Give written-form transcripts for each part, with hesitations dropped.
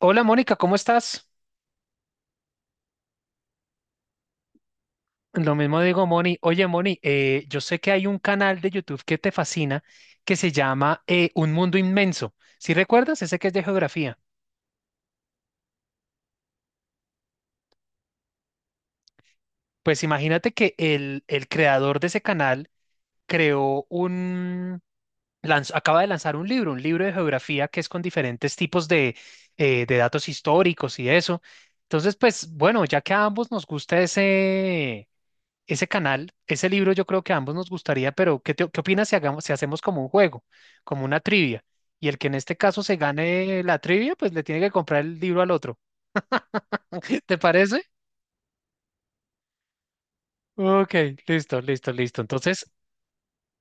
Hola Mónica, ¿cómo estás? Lo mismo digo, Moni. Oye Moni, yo sé que hay un canal de YouTube que te fascina que se llama Un Mundo Inmenso. ¿Si recuerdas? Ese que es de geografía. Pues imagínate que el creador de ese canal creó un... acaba de lanzar un libro de geografía que es con diferentes tipos de datos históricos y eso. Entonces, pues bueno, ya que a ambos nos gusta ese canal, ese libro, yo creo que a ambos nos gustaría, pero ¿qué opinas si hacemos como un juego, como una trivia? Y el que en este caso se gane la trivia, pues le tiene que comprar el libro al otro. ¿Te parece? Ok, listo, listo, listo. Entonces,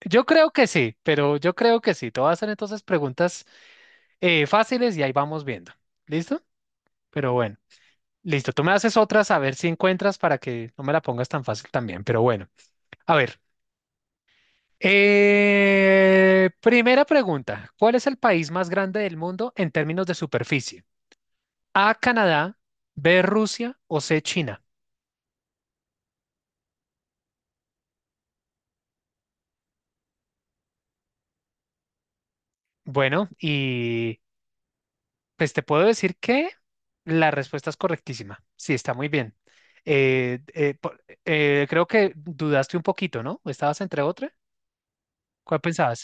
yo creo que sí, pero yo creo que sí. Te voy a hacer entonces preguntas fáciles y ahí vamos viendo. ¿Listo? Pero bueno, listo. Tú me haces otras a ver si encuentras para que no me la pongas tan fácil también. Pero bueno, a ver, primera pregunta, ¿cuál es el país más grande del mundo en términos de superficie? A, Canadá; B, Rusia; o C, China. Bueno, y pues te puedo decir que la respuesta es correctísima. Sí, está muy bien. Eh, eh, po- creo que dudaste un poquito, ¿no? ¿Estabas entre otra? ¿Cuál pensabas?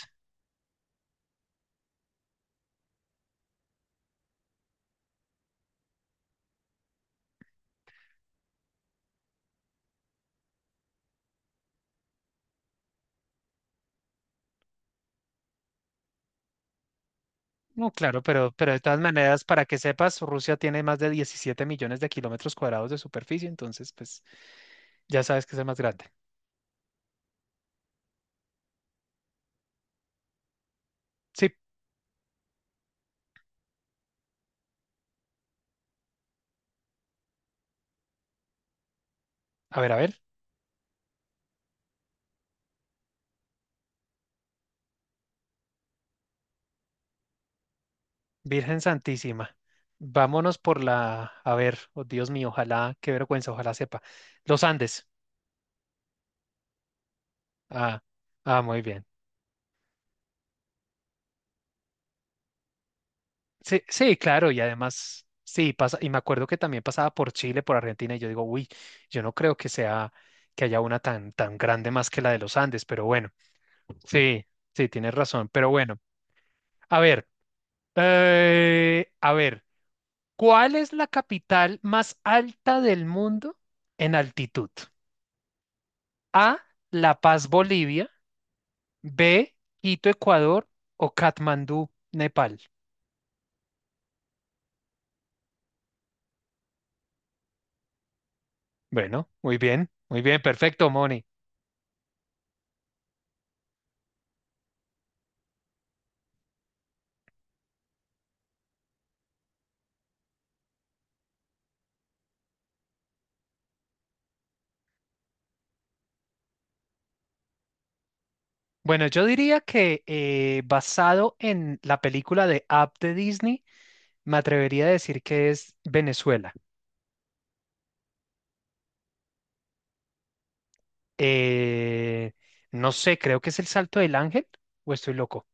No, claro, pero de todas maneras, para que sepas, Rusia tiene más de 17 millones de kilómetros cuadrados de superficie, entonces, pues ya sabes que es el más grande. Sí. A ver, a ver. Virgen Santísima, vámonos por la, a ver, oh Dios mío, ojalá, qué vergüenza, ojalá sepa. Los Andes. Ah, ah, muy bien. Sí, sí, claro, y además, sí, pasa, y me acuerdo que también pasaba por Chile, por Argentina, y yo digo, uy, yo no creo que sea, que haya una tan, tan grande más que la de los Andes, pero bueno, sí, sí, tienes razón, pero bueno, a ver, a ver, ¿cuál es la capital más alta del mundo en altitud? A, La Paz, Bolivia; B, Quito, Ecuador; o Katmandú, Nepal. Bueno, muy bien, perfecto, Moni. Bueno, yo diría que, basado en la película de Up de Disney, me atrevería a decir que es Venezuela. Eh, no sé, creo que es el Salto del Ángel o estoy loco.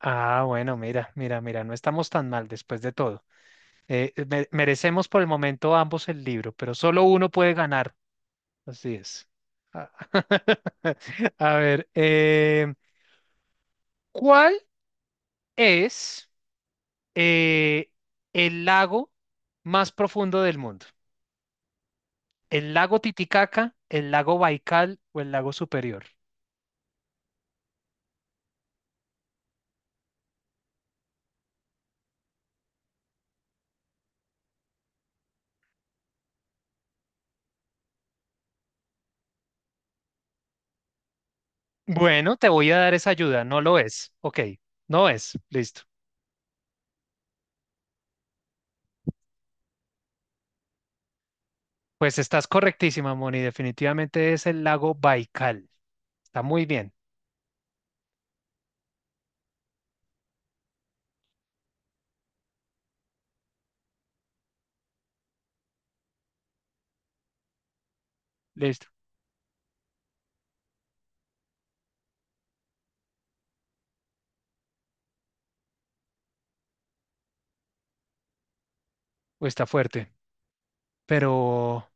Ah, bueno, mira, mira, mira, no estamos tan mal después de todo. Merecemos por el momento ambos el libro, pero solo uno puede ganar. Así es. Ah, a ver, ¿cuál es eh, el lago más profundo del mundo? ¿El lago Titicaca, el lago Baikal o el lago Superior? Bueno, te voy a dar esa ayuda, no lo es. Ok, no es, listo. Pues estás correctísima, Moni, definitivamente es el lago Baikal. Está muy bien, listo. Uy, está fuerte, pero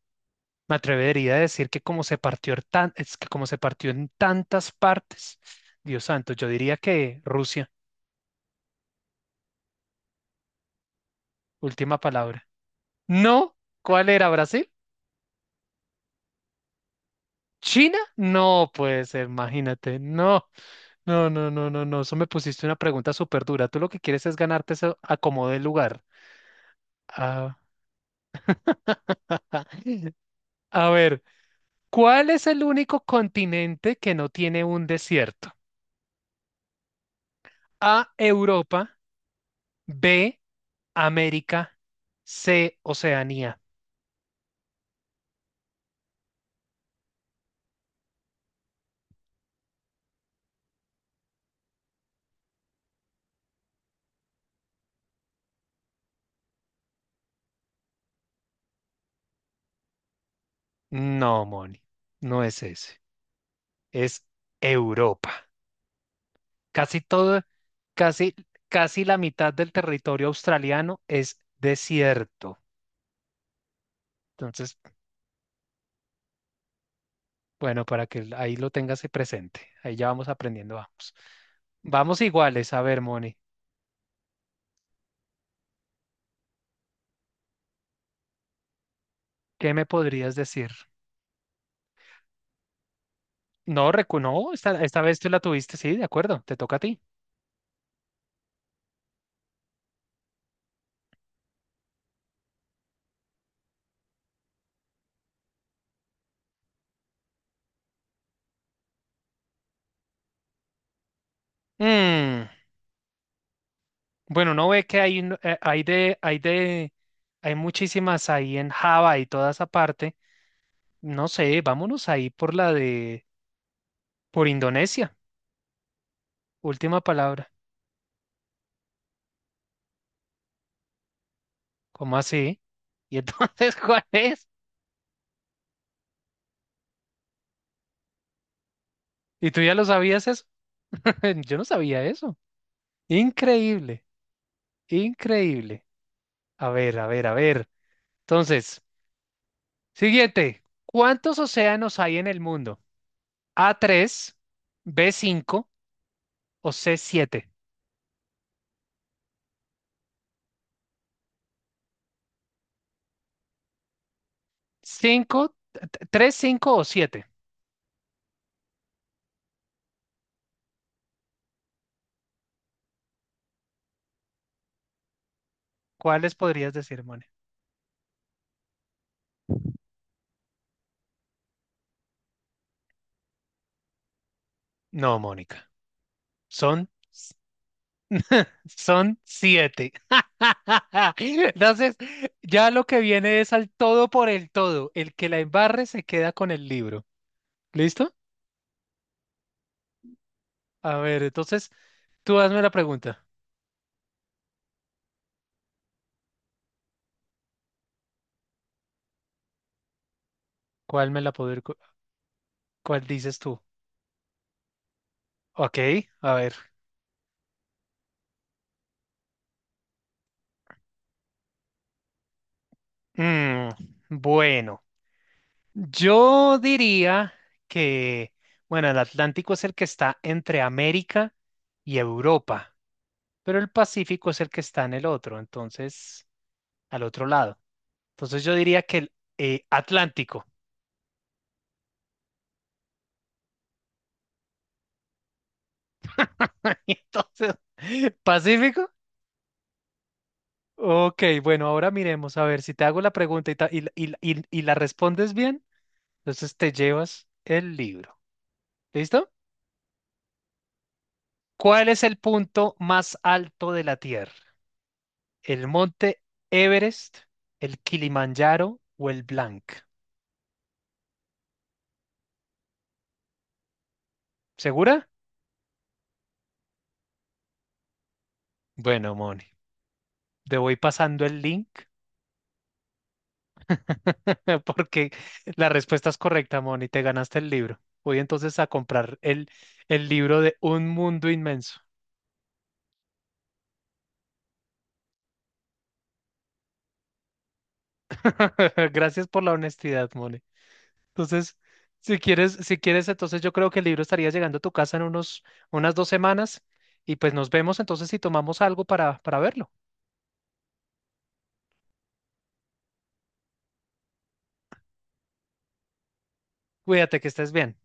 me atrevería a decir que como se partió en tan- es que como se partió en tantas partes, Dios santo, yo diría que Rusia, última palabra. No, ¿cuál era? ¿Brasil? ¿China? No. Pues imagínate. No, no, no, no, no, no. Eso me pusiste una pregunta súper dura. Tú lo que quieres es ganarte ese acomodo de lugar. Ah, a ver, ¿cuál es el único continente que no tiene un desierto? A, Europa; B, América; C, Oceanía. No, Moni, no es ese, es Europa. Casi todo, casi, casi la mitad del territorio australiano es desierto. Entonces, bueno, para que ahí lo tengas presente, ahí ya vamos aprendiendo, vamos. Vamos iguales, a ver, Moni, ¿qué me podrías decir? No, recu no, esta vez tú la tuviste, sí, de acuerdo, te toca a ti. Mm, bueno, uno ve que hay, hay hay muchísimas ahí en Java y toda esa parte. No sé, vámonos ahí por Indonesia. Última palabra. ¿Cómo así? ¿Y entonces cuál es? ¿Y tú ya lo sabías eso? Yo no sabía eso. Increíble, increíble. A ver, a ver, a ver. Entonces, siguiente. ¿Cuántos océanos hay en el mundo? A, tres; B, cinco; o C, siete. Cinco, t- tres, cinco o siete. ¿Cuáles podrías decir, Mónica? No, Mónica. Son, son siete. Entonces, ya lo que viene es al todo por el todo. El que la embarre se queda con el libro. ¿Listo? A ver, entonces, tú hazme la pregunta. ¿Cuál me la poder, cu- cuál dices tú? Ok, a ver. Mm, bueno. Yo diría que, bueno, el Atlántico es el que está entre América y Europa, pero el Pacífico es el que está en el otro, entonces, al otro lado. Entonces yo diría que el Atlántico. Y entonces, ¿Pacífico? Ok, bueno, ahora miremos a ver si te hago la pregunta y, ta- y la y la- y la- y la respondes bien, entonces te llevas el libro. ¿Listo? ¿Cuál es el punto más alto de la Tierra? ¿El monte Everest, el Kilimanjaro o el Blanc? ¿Segura? Bueno, Moni, te voy pasando el link porque la respuesta es correcta, Moni. Te ganaste el libro. Voy entonces a comprar el libro de Un Mundo Inmenso. Gracias por la honestidad, Moni. Entonces, si quieres, entonces yo creo que el libro estaría llegando a tu casa en unas 2 semanas y pues nos vemos entonces si tomamos algo para verlo. Cuídate, que estés bien.